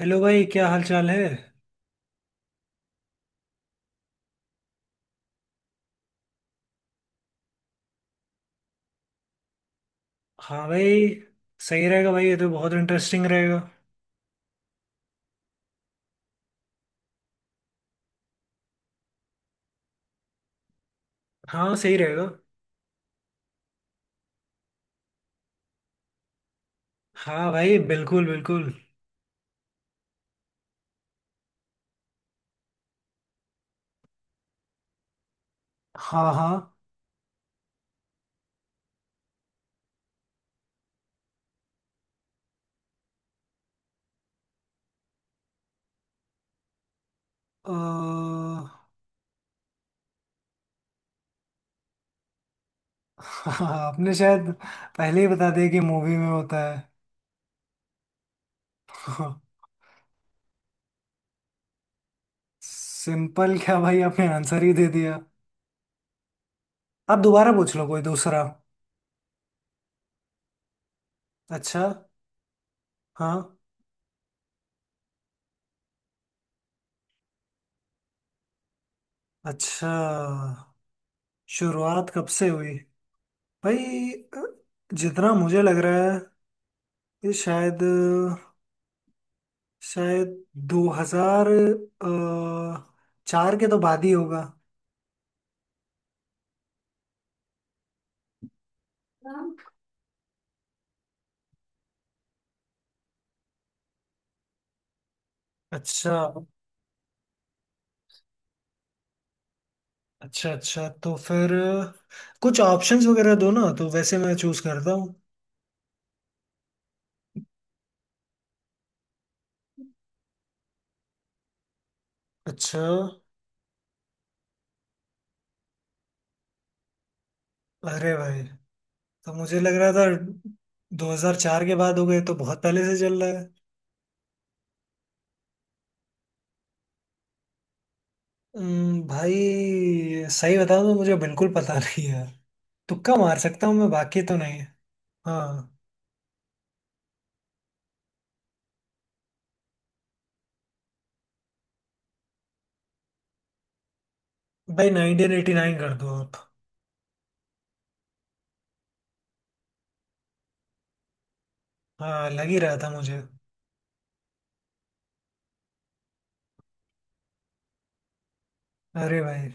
Hello भाई, क्या हाल चाल है। हाँ भाई। सही रहेगा भाई, ये तो बहुत इंटरेस्टिंग रहेगा। हाँ सही रहेगा। हाँ भाई, बिल्कुल बिल्कुल। हाँ हाँ। अ, हाँ आपने शायद पहले ही बता दिया कि मूवी में होता है। सिंपल क्या भाई, आपने आंसर ही दे दिया। आप दोबारा पूछ लो कोई दूसरा। अच्छा। हाँ। अच्छा, शुरुआत कब से हुई। भाई अ, जितना मुझे लग रहा है ये शायद शायद 2000 अ, चार के तो बाद ही होगा। अच्छा। अच्छा अच्छा, तो फिर कुछ ऑप्शंस वगैरह दो ना, तो वैसे मैं चूज करता हूँ। अच्छा। अरे भाई, तो मुझे लग रहा था 2004 के बाद हो गए, तो बहुत पहले से चल रहा है। भाई सही बताऊं तो मुझे बिल्कुल पता नहीं है। तुक्का मार सकता हूँ मैं, बाकी तो नहीं। हाँ भाई, 1989 कर दो आप। हाँ लग ही रहा था मुझे। अरे भाई।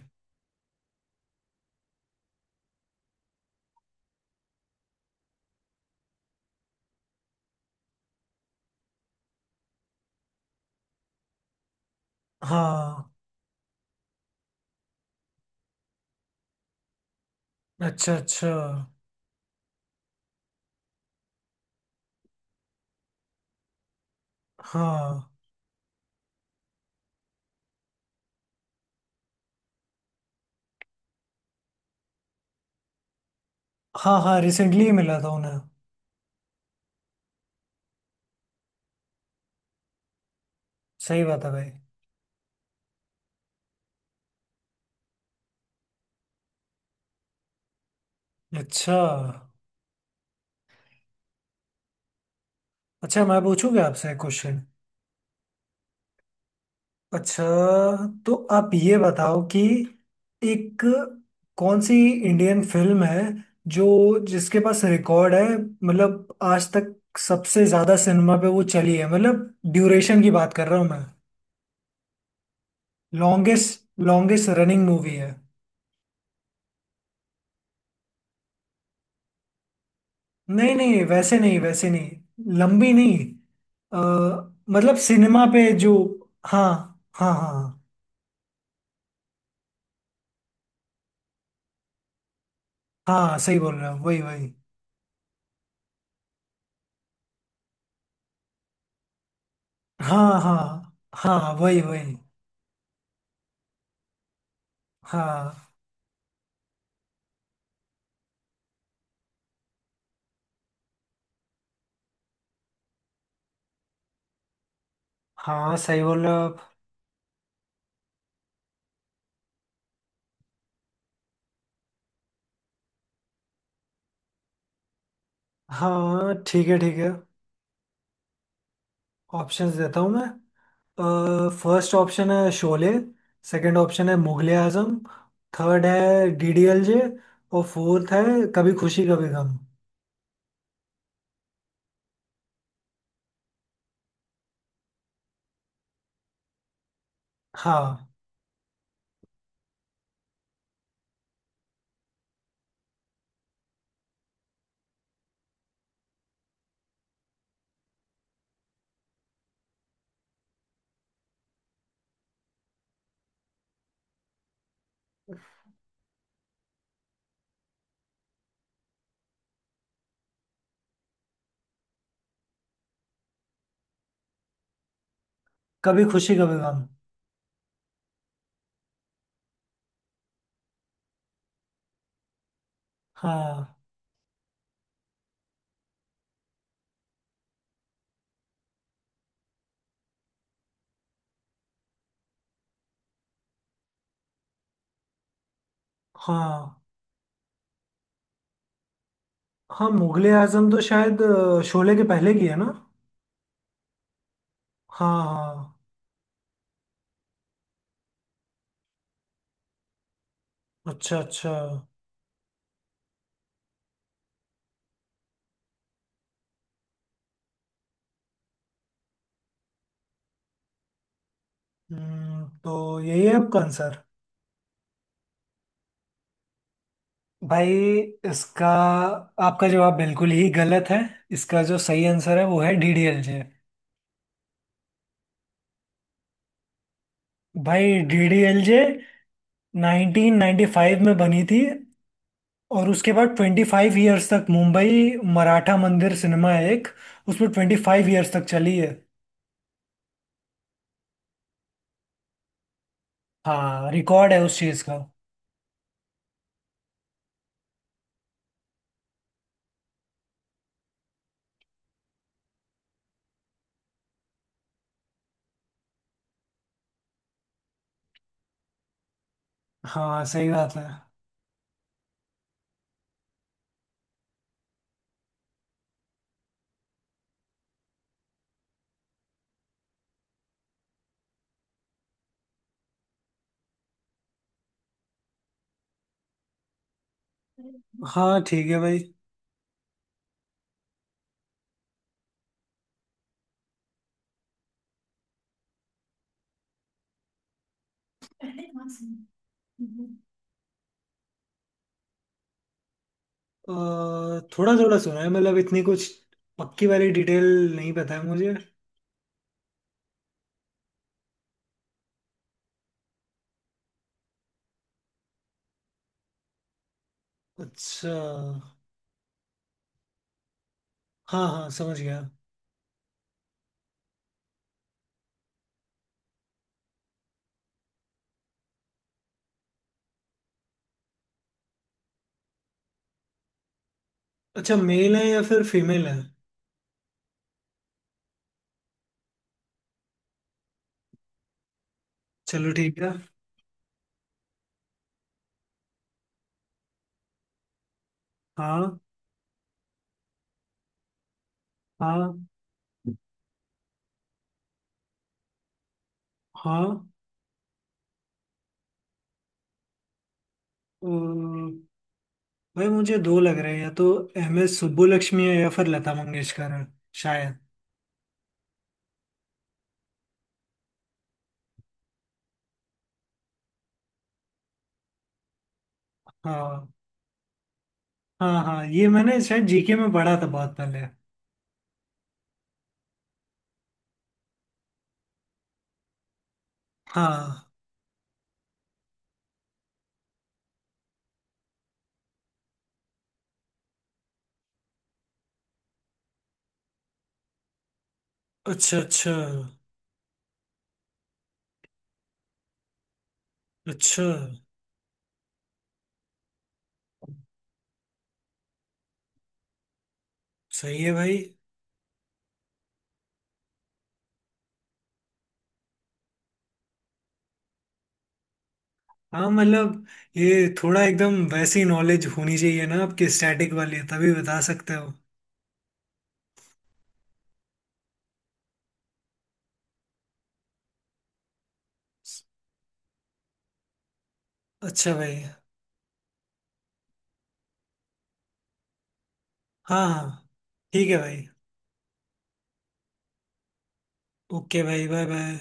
हाँ। अच्छा अच्छा। हाँ हाँ, हाँ रिसेंटली मिला था उन्हें। सही बात है भाई। अच्छा, अच्छा मैं पूछूंगा आपसे एक क्वेश्चन। अच्छा, तो आप ये बताओ कि एक कौन सी इंडियन फिल्म है जो जिसके पास रिकॉर्ड है, मतलब आज तक सबसे ज्यादा सिनेमा पे वो चली है, मतलब ड्यूरेशन की बात कर रहा हूँ मैं। लॉन्गेस्ट, लॉन्गेस्ट रनिंग मूवी है। नहीं नहीं वैसे नहीं, वैसे नहीं लंबी नहीं। अ, मतलब सिनेमा पे जो। हाँ हाँ। हाँ हाँ सही बोल रहे हो, वही वही। हाँ हाँ हाँ, वही वही। हाँ हाँ सही बोल रहे हो आप। हाँ ठीक है ठीक है। ऑप्शंस देता हूँ मैं। फर्स्ट ऑप्शन है शोले। सेकंड ऑप्शन है मुगले आजम। थर्ड है डीडीएलजे। और फोर्थ है कभी खुशी कभी गम। हाँ। कभी खुशी कभी गम। हाँ हाँ। हाँ मुगले आजम तो शायद शोले के पहले की है ना। हाँ हाँ। अच्छा अच्छा। हम्म, तो यही है आपका आंसर। भाई इसका आपका जवाब बिल्कुल ही गलत है। इसका जो सही आंसर है वो है डीडीएलजे। भाई डीडीएलजे 1995 में बनी थी, और उसके बाद 25 इयर्स तक मुंबई मराठा मंदिर सिनेमा है एक, उसमें 25 इयर्स तक चली है। हाँ रिकॉर्ड है उस चीज़ का। हाँ सही बात है। हाँ ठीक है भाई। अ, थोड़ा थोड़ा सुना है, मतलब इतनी कुछ पक्की वाली डिटेल नहीं पता है मुझे। अच्छा। हाँ हाँ समझ गया। अच्छा, मेल है या फिर फीमेल है। चलो ठीक है। हाँ हाँ हाँ। अ, भाई मुझे दो लग रहे हैं, या तो एम एस सुब्बुलक्ष्मी है या फिर लता मंगेशकर है शायद। हाँ। हाँ हाँ, ये मैंने शायद जीके में पढ़ा था बहुत पहले। हाँ। अच्छा अच्छा अच्छा। सही है भाई। हाँ, मतलब ये थोड़ा एकदम वैसी नॉलेज होनी चाहिए ना आपकी, स्टैटिक वाली तभी बता सकते हो। अच्छा भाई। हाँ हाँ ठीक है भाई। ओके भाई, बाय बाय।